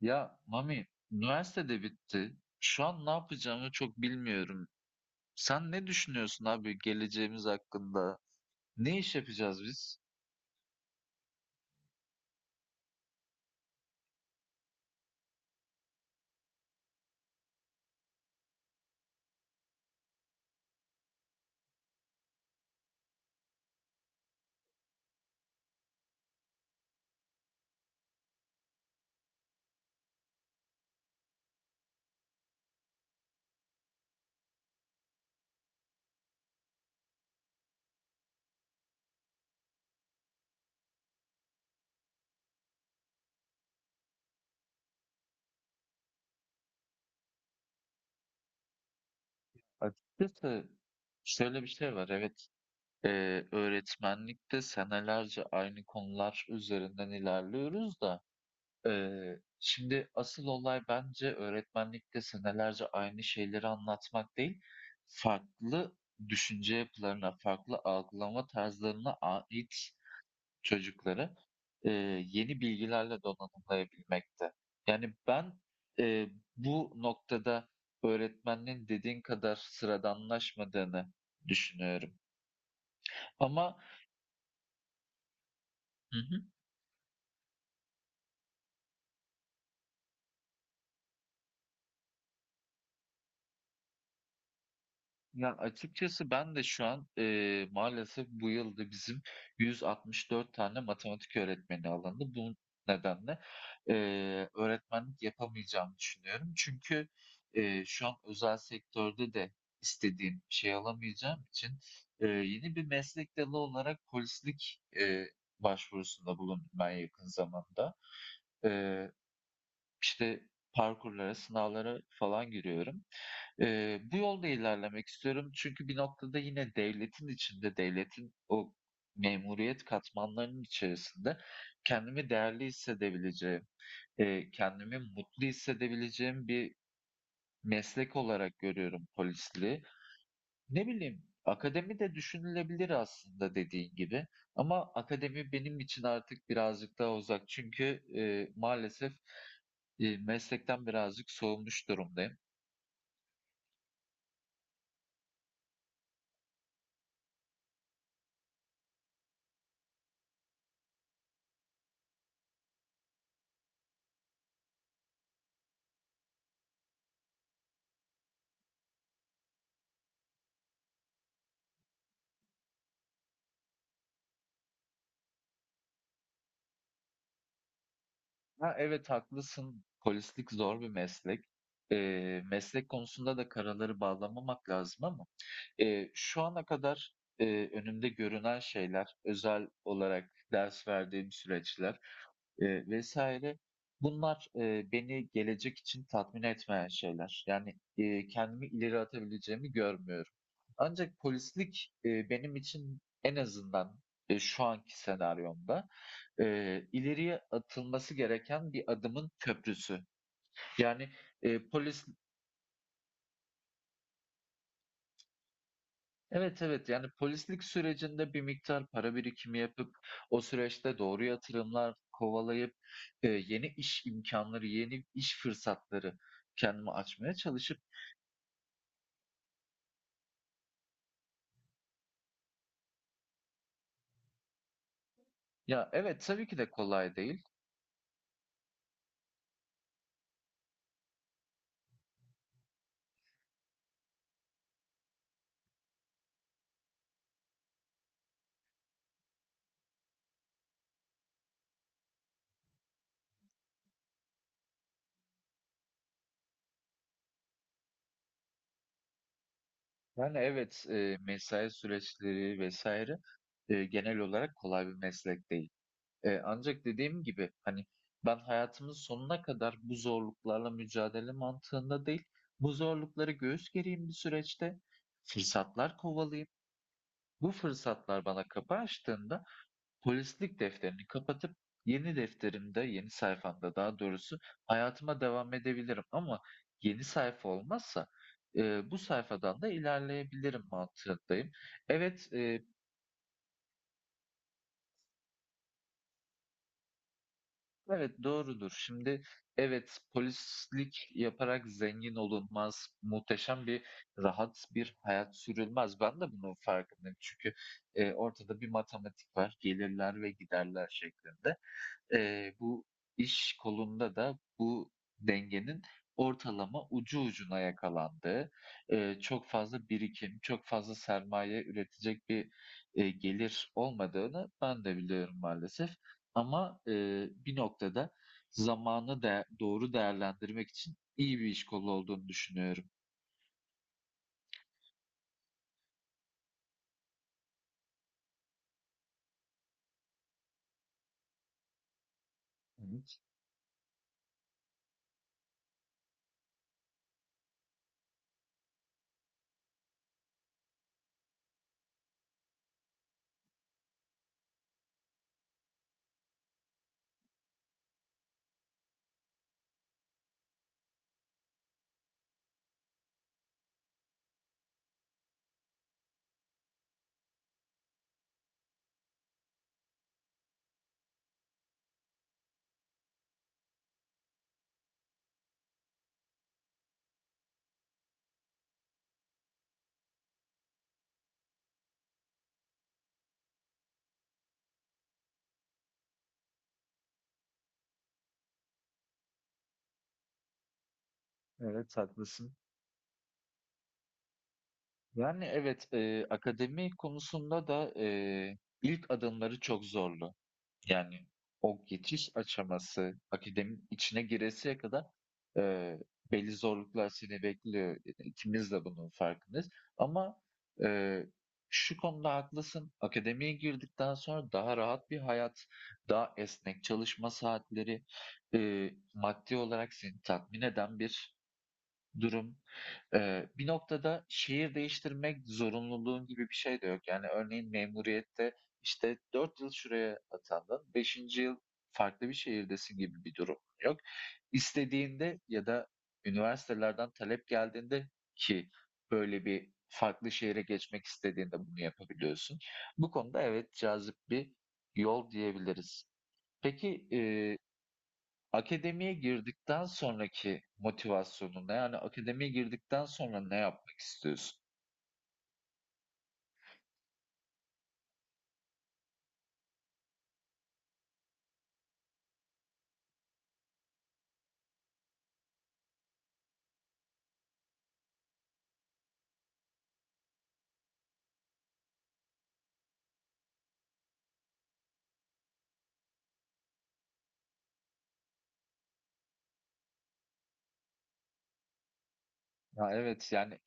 Ya Mami, üniversitede bitti. Şu an ne yapacağımı çok bilmiyorum. Sen ne düşünüyorsun abi geleceğimiz hakkında? Ne iş yapacağız biz? Açıkçası şöyle bir şey var. Evet, öğretmenlikte senelerce aynı konular üzerinden ilerliyoruz da şimdi asıl olay bence öğretmenlikte senelerce aynı şeyleri anlatmak değil, farklı düşünce yapılarına, farklı algılama tarzlarına ait çocukları e, yeni bilgilerle donanımlayabilmekte. Yani ben e, bu noktada öğretmenin dediğin kadar sıradanlaşmadığını düşünüyorum. Ama hı hı. Yani açıkçası ben de şu an, maalesef bu yıl da bizim 164 tane matematik öğretmeni alındı. Bu nedenle, öğretmenlik yapamayacağımı düşünüyorum. Çünkü, şu an özel sektörde de istediğim şey alamayacağım için, yeni bir meslek dalı olarak polislik, başvurusunda bulundum ben yakın zamanda. Eee, işte parkurlara, sınavlara falan giriyorum. Bu yolda ilerlemek istiyorum çünkü bir noktada yine devletin içinde, devletin o memuriyet katmanlarının içerisinde kendimi değerli hissedebileceğim, kendimi mutlu hissedebileceğim bir meslek olarak görüyorum polisliği. Ne bileyim, akademi de düşünülebilir aslında dediğin gibi ama akademi benim için artık birazcık daha uzak çünkü maalesef meslekten birazcık soğumuş durumdayım. Ha, evet haklısın. Polislik zor bir meslek. Meslek konusunda da karaları bağlamamak lazım ama şu ana kadar önümde görünen şeyler, özel olarak ders verdiğim süreçler vesaire bunlar beni gelecek için tatmin etmeyen şeyler. Yani kendimi ileri atabileceğimi görmüyorum. Ancak polislik benim için en azından şu anki senaryomda ileriye atılması gereken bir adımın köprüsü. Yani, polis Evet, evet, yani, polislik sürecinde bir miktar para birikimi yapıp o süreçte doğru yatırımlar kovalayıp, yeni iş imkanları, yeni iş fırsatları kendimi açmaya çalışıp. Ya, evet, tabii ki de kolay değil. Yani, evet, mesai süreçleri vesaire genel olarak kolay bir meslek değil. Ancak dediğim gibi, hani, ben hayatımın sonuna kadar bu zorluklarla mücadele mantığında değil, bu zorlukları göğüs gereyim bir süreçte, fırsatlar kovalayayım. Bu fırsatlar bana kapı açtığında polislik defterini kapatıp yeni defterimde, yeni sayfamda daha doğrusu hayatıma devam edebilirim ama yeni sayfa olmazsa, bu sayfadan da ilerleyebilirim mantığındayım. Evet, eee Evet, doğrudur. Şimdi evet, polislik yaparak zengin olunmaz, muhteşem bir, rahat bir hayat sürülmez. Ben de bunun farkındayım çünkü, ortada bir matematik var, gelirler ve giderler şeklinde bu iş kolunda da bu dengenin ortalama ucu ucuna yakalandığı, çok fazla birikim, çok fazla sermaye üretecek bir, gelir olmadığını ben de biliyorum maalesef. Ama, bir noktada zamanı da doğru değerlendirmek için iyi bir iş kolu olduğunu düşünüyorum. Evet, evet haklısın. Yani evet, akademi konusunda da ilk adımları çok zorlu. Yani o geçiş aşaması, akademinin içine giresiye kadar eee, belli zorluklar seni bekliyor. E, İkimiz de bunun farkındayız. Ama eee, şu konuda haklısın. Akademiye girdikten sonra daha rahat bir hayat, daha esnek çalışma saatleri, maddi olarak seni tatmin eden bir durum. Bir noktada şehir değiştirmek zorunluluğun gibi bir şey de yok. Yani örneğin memuriyette işte 4 yıl şuraya atandın, beşinci yıl farklı bir şehirdesin gibi bir durum yok. İstediğinde ya da üniversitelerden talep geldiğinde ki böyle bir farklı şehre geçmek istediğinde bunu yapabiliyorsun. Bu konuda evet cazip bir yol diyebiliriz. Peki eee Akademiye girdikten sonraki motivasyonun, yani akademiye girdikten sonra ne yapmak istiyorsun? Ya evet yani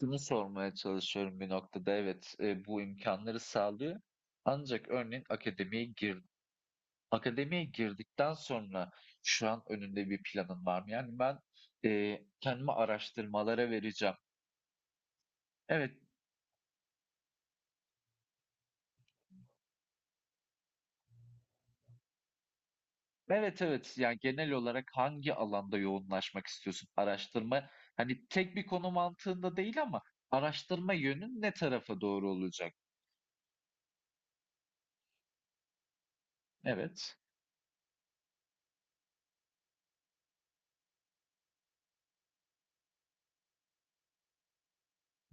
şunu sormaya çalışıyorum bir noktada. Evet, bu imkanları sağlıyor. Ancak örneğin akademiye girdikten sonra şu an önünde bir planın var mı? Yani ben kendimi araştırmalara vereceğim. Evet. Evet, evet. Yani genel olarak hangi alanda yoğunlaşmak istiyorsun? Araştırma, hani tek bir konu mantığında değil ama araştırma yönün ne tarafa doğru olacak? Evet.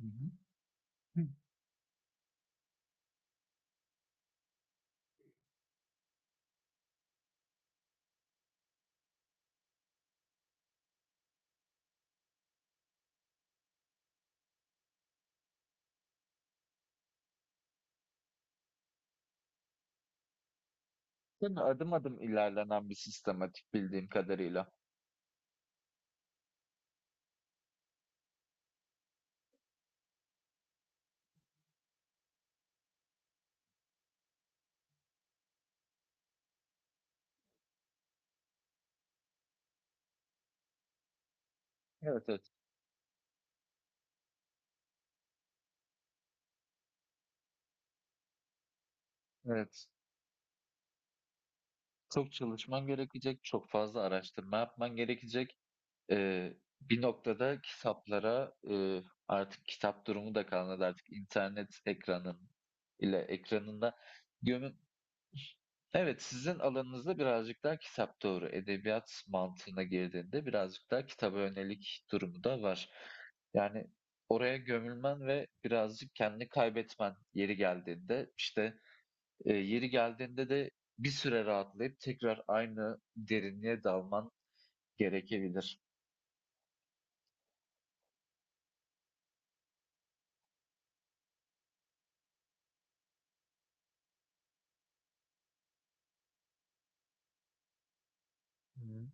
Hı hı. Hı. Değil mi? Adım adım ilerlenen bir sistematik bildiğim kadarıyla. Evet, evet. Evet. Çok çalışman gerekecek, çok fazla araştırma yapman gerekecek. Ee, bir noktada kitaplara artık kitap durumu da kalmadı, artık internet ekranında gömün. Evet, sizin alanınızda birazcık daha kitap doğru. Edebiyat mantığına girdiğinde birazcık daha kitaba yönelik durumu da var. Yani oraya gömülmen ve birazcık kendini kaybetmen yeri geldiğinde işte yeri geldiğinde de bir süre rahatlayıp tekrar aynı derinliğe dalman gerekebilir. Hı.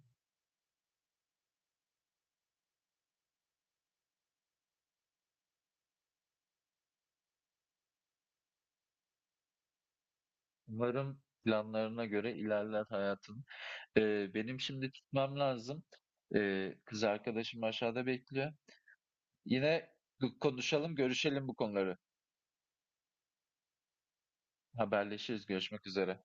Umarım planlarına göre ilerler hayatın. E, benim şimdi gitmem lazım. E, kız arkadaşım aşağıda bekliyor. Yine konuşalım, görüşelim bu konuları. Haberleşiriz. Görüşmek üzere.